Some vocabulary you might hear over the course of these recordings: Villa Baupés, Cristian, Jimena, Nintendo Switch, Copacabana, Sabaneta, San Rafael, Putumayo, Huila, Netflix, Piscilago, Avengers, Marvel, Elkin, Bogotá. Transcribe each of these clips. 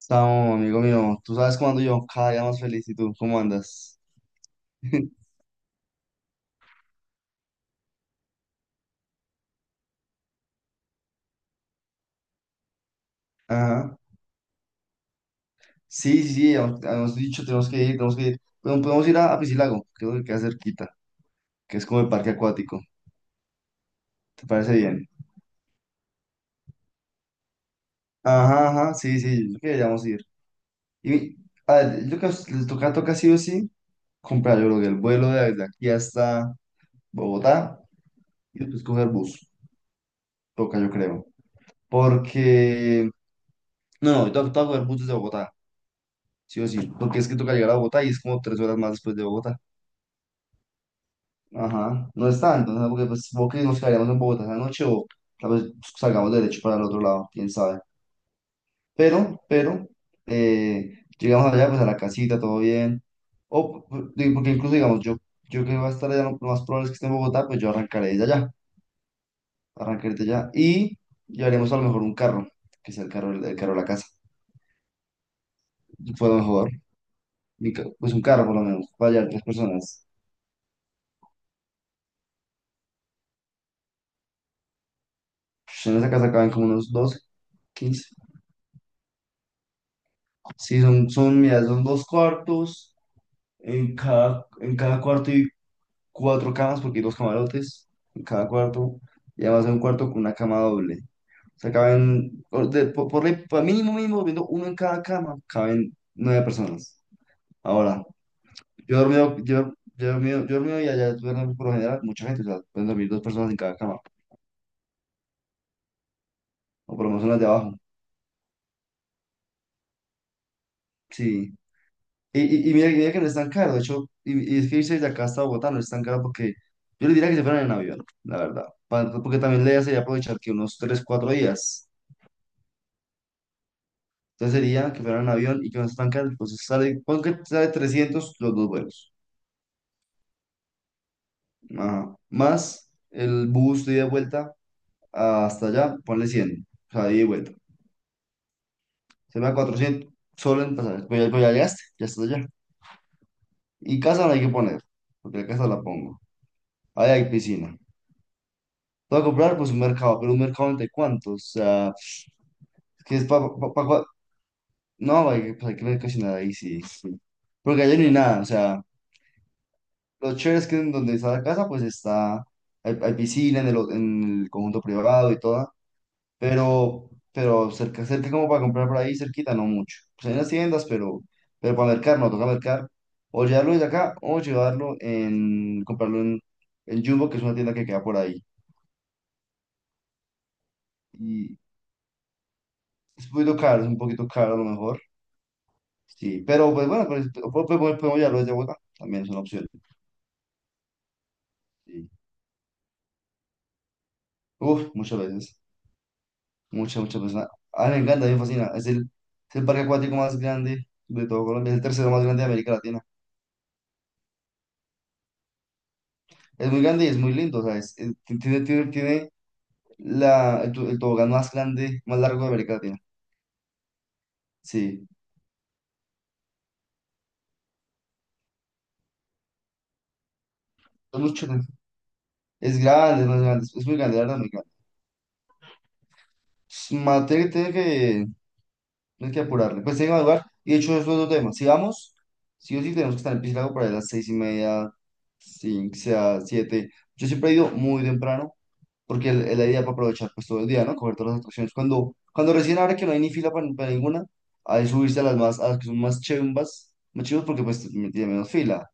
Estamos, amigo mío. Tú sabes cómo ando yo, cada día más feliz. ¿Y tú cómo andas? Ajá. Sí, sí, sí, habíamos dicho, tenemos que ir, tenemos que ir. Pero podemos ir a Piscilago, creo que queda cerquita, que es como el parque acuático. ¿Te parece bien? Ajá, ajá, sí, sí, yo creo que deberíamos ir. Y a ver, yo creo que les toca, toca sí o sí comprar, yo creo que el vuelo de aquí hasta Bogotá y después coger bus. Toca, yo creo. Porque no, no, toca, toca coger bus desde Bogotá. Sí o sí, porque es que toca llegar a Bogotá y es como tres horas más después de Bogotá. Ajá, no es tanto, ¿no? Porque pues supongo que nos quedaríamos en Bogotá esa noche o tal vez pues salgamos derecho para el otro lado, quién sabe. Pero, eh, llegamos allá pues a la casita, todo bien. O, digo, porque incluso digamos, yo que va a estar allá, lo más probable es que esté en Bogotá, pues yo arrancaré desde allá y llevaremos a lo mejor un carro, que sea el carro, el carro de la casa. Fue lo mejor, pues un carro por lo menos, para llevar tres personas. Pues, en esa casa caben como unos doce, quince. Sí, mira, son dos cuartos. En cada cuarto hay cuatro camas, porque hay dos camarotes en cada cuarto. Y además hay un cuarto con una cama doble. O sea, caben, por, por ley, por mínimo, mínimo, viendo uno en cada cama, caben nueve personas. Ahora, yo he dormido, yo he dormido, yo he dormido y allá duermen por lo general mucha gente, o sea, pueden dormir dos personas en cada cama, o por lo menos en las de abajo. Sí. Y, y mira, mira que no es tan caro, de hecho, y es que irse de acá hasta Bogotá no es tan caro porque yo le diría que se fueran en avión, la verdad, porque también le sería aprovechar que unos 3 4 días, entonces sería que fueran en avión y que no es tan caro, entonces sale, pon que sale 300 los dos vuelos. Ajá. Más el bus de ida y vuelta hasta allá, ponle cien, o sea, de ida y vuelta, se va a 400 solo en pasajes, pues ya llegaste, ya estás allá, y casa no hay que poner, porque la casa la pongo, ahí hay piscina. Voy a comprar pues un mercado, pero un mercado entre cuántos. O sea, que es para... No, hay que, pues, hay que mercacionar ahí, sí, sí. Porque allá no hay nada, o sea, lo chévere es que en donde está la casa, pues está, hay piscina en el, en el conjunto privado y todo, pero cerca, cerca como para comprar por ahí, cerquita, no mucho. Pues hay unas tiendas, pero para mercar, no, toca mercar, o llevarlo desde acá, o llevarlo en, comprarlo en Jumbo, que es una tienda que queda por ahí. Y es un poquito caro, es un poquito caro a lo mejor. Sí, pero pues bueno, pues, podemos llevarlo desde Bogotá, también es una opción. Sí. Uf, muchas veces, muchas, muchas veces. A mí me encanta, a mí me fascina. Es el parque acuático más grande de todo Colombia, es el tercero más grande de América Latina. Es muy grande y es muy lindo, o sea, tiene, tiene, tiene la, el, el tobogán más grande, más largo de América Latina. Sí, es mucho, es grande, es más grande, es muy grande, la verdad, muy grande. Es materia que tiene que... No hay que apurarle. Pues tengo que madrugar. Y de hecho, eso es otro tema. Si vamos, sí o sí tenemos que estar en Piscilago por ahí a las seis y media, cinco, sea, siete. Yo siempre he ido muy temprano, porque es la idea para aprovechar pues todo el día, ¿no? Coger todas las atracciones. Cuando recién ahora que no hay ni fila para ninguna, hay subirse a las más, a las que son más chimbas, más chivas, porque pues tiene menos fila.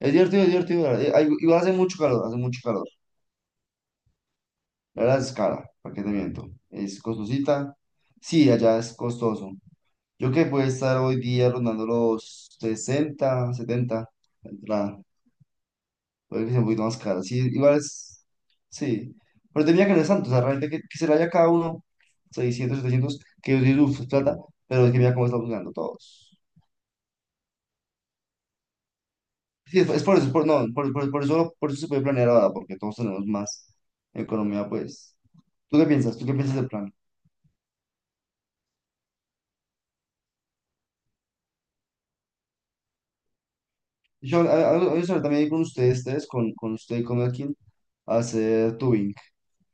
Es divertido, es divertido, la verdad. Igual hace mucho calor, hace mucho calor. La verdad es cara, ¿para qué te miento? Es costosita. Sí, allá es costoso. Yo que puede estar hoy día rondando los sesenta, 70 la entrada. Puede que sea un poquito más cara. Sí, igual es. Sí. Pero tenía que no es tanto. O sea, realmente que se vaya cada uno seiscientos, 700 que yo digo, uff, es plata. Pero es que mira cómo estamos ganando todos. Sí, es por eso, es por, no, por eso se puede planear ahora, porque todos tenemos más economía, pues. ¿Tú qué piensas? ¿Tú qué piensas del plan? Yo, también ir con ustedes, ustedes, con usted y con Elkin, a hacer tubing.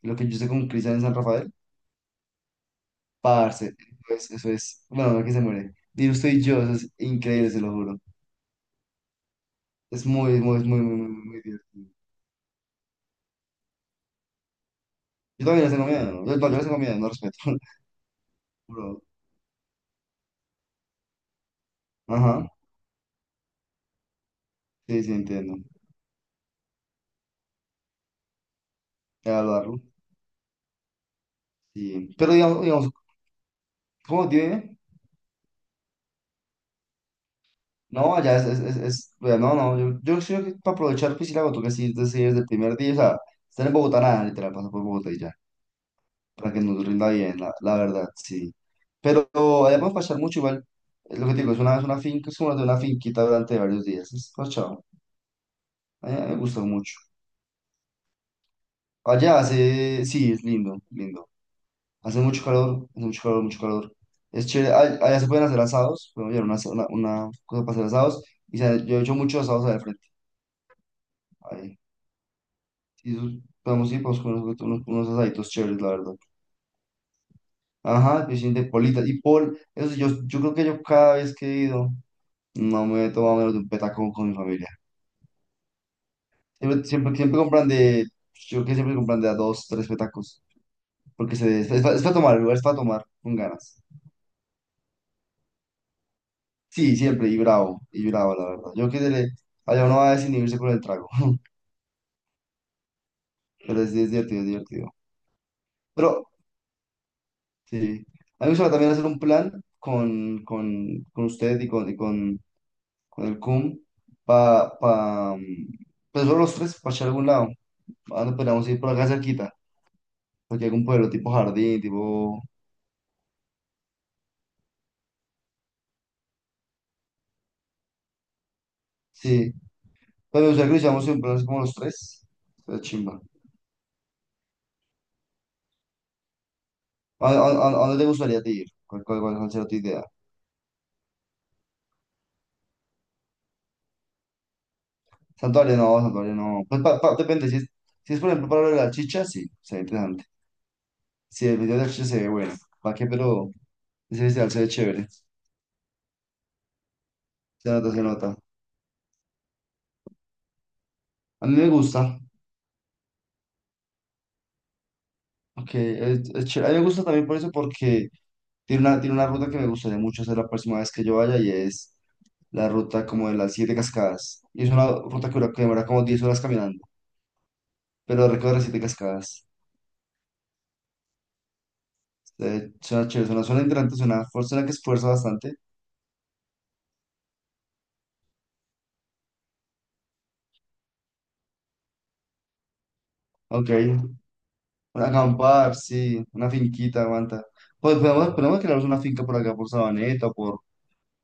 Lo que yo hice con Cristian en San Rafael. Parce, pues, eso es, bueno, no que se muere. ¿Y usted y yo, eso es increíble, se lo juro. Es muy, muy, muy, muy, muy, muy divertido. Yo también les tengo miedo, ¿no? Yo, no, yo les tengo miedo, no respeto. Bro. Ajá, sí, sí, entiendo. Evaluarlo, sí. Pero digamos, digamos, ¿cómo tiene? No, allá es, bueno, no, no, yo creo que para aprovechar piscina, tú que sí, es decir, desde el primer día, o sea, estar en Bogotá, nada, literal, pasa por Bogotá y ya. Para que nos rinda bien, la verdad, sí. Pero además pasar mucho igual, es lo que te digo, es una finca, es como de una finquita durante varios días, es parchado, a mí me gustó mucho. Allá hace, sí, es lindo, lindo, hace mucho calor, es chévere. Allá se pueden hacer asados, podemos llevar una, una cosa para hacer asados, y yo he hecho muchos asados allá al frente, ahí, sí, podemos ir, podemos comer unos, unos, unos asaditos chéveres, la verdad. Ajá, piscina de politas, y pol, eso sí, yo creo que yo cada vez que he ido... No me he tomado menos de un petaco con mi familia. Siempre, siempre, siempre compran de, yo que siempre compran de a dos, tres petacos, porque se, es, para tomar, el lugar es para tomar con ganas. Sí, siempre, y bravo, la verdad. Yo que se le, allá uno va a desinhibirse con el trago. Pero es divertido, es divertido. Pero sí, a mí me gustaría también hacer un plan con usted y con el CUM, para, pa, pa, pues solo los tres, para echar a algún lado. Ah, no, podríamos ir por acá cerquita, porque hay algún pueblo tipo jardín, tipo... Sí, pero ya que lo hicimos siempre así como los tres, es chimba. A, a dónde te gustaría te ir? ¿Cuál, cuál, cuál sería tu idea? Santuario no, santuario no. Pues depende, si es, si es por ejemplo para lo de la chicha, sí, sería interesante. Si el video de la chicha se ve bueno, ¿para qué? Pero ese festival se ve chévere, se nota, se nota. A mí me gusta, porque es chévere. A mí me gusta también por eso, porque tiene una ruta que me gustaría mucho hacer la próxima vez que yo vaya y es la ruta como de las siete cascadas. Y es una ruta que que demora como 10 horas caminando. Pero recorre siete cascadas. De chacho, es una zona interesante, es una zona que esfuerza bastante. Ok, un acampar, sí, una finquita, aguanta. Pues podemos, podemos crearnos una finca por acá, por Sabaneta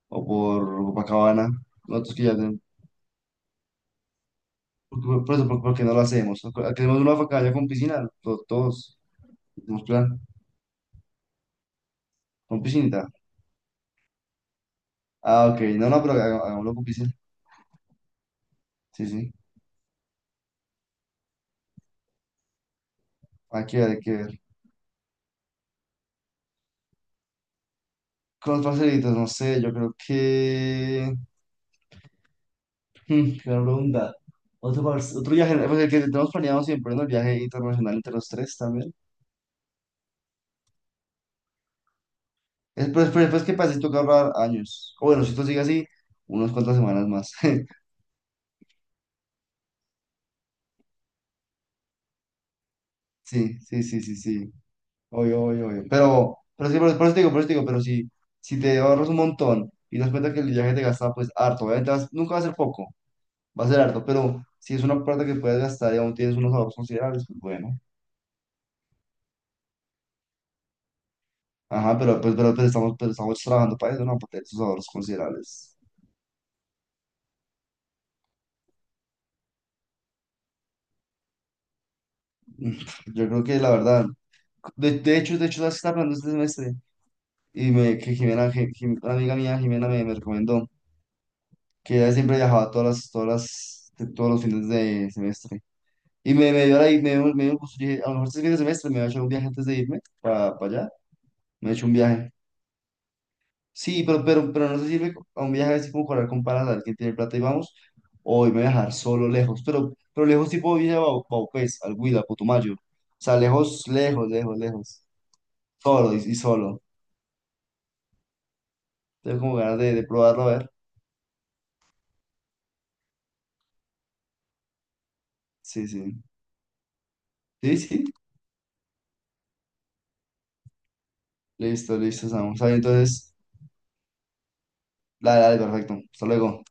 o por Copacabana. Nosotros que ya tenemos. Por, por eso, ¿por qué no lo hacemos? Queremos una cabaña con piscina, todos, tenemos plan, con piscinita. Ah, ok, no, no, pero hagámoslo con piscina. Sí, sí, hay que ver, hay que ver. Con los parcelitos, no sé, yo creo que. Mm, gran pregunta. Otro, otro viaje, pues el que tenemos planeado siempre, ¿no? El viaje internacional entre los tres también. Es, pues, pues, pues, que pasa si toca ahorrar años. O bueno, si esto sigue así, unas cuantas semanas más. Sí, sí, sí, sí, sí. Obvio, obvio, obvio. Pero sí, por eso te digo, por eso te digo, pero si, si te ahorras un montón y das cuenta que el viaje te gasta, pues harto, obviamente nunca va a ser poco, va a ser harto, pero si es una plata que puedes gastar y aún tienes unos ahorros considerables, pues bueno. Ajá, pero, pues, estamos, pero estamos trabajando para eso, ¿no? Para tener esos ahorros considerables. Mm, yo creo que la verdad, de hecho, las está hablando este semestre y me, que Jimena, una amiga mía, Jimena, me recomendó que ella siempre viajaba todas las, todos los fines de semestre. Y me dio la, me, me dio un gusto, yo dije, a lo mejor este fin de semestre me voy a echar un viaje antes de irme para allá, me he hecho un viaje. Sí, pero no se sirve a un viaje así como para con panas, a ver quién tiene plata y vamos, o irme a viajar solo lejos, pero lejos tipo Baupés, al Huila, Putumayo, o sea, lejos, lejos, lejos, lejos, solo y solo. Tengo como ganas de probarlo, a ver. Sí, sí. Sí, sí. Listo, listo, Samu. Está bien, entonces, dale, dale, perfecto. Hasta luego.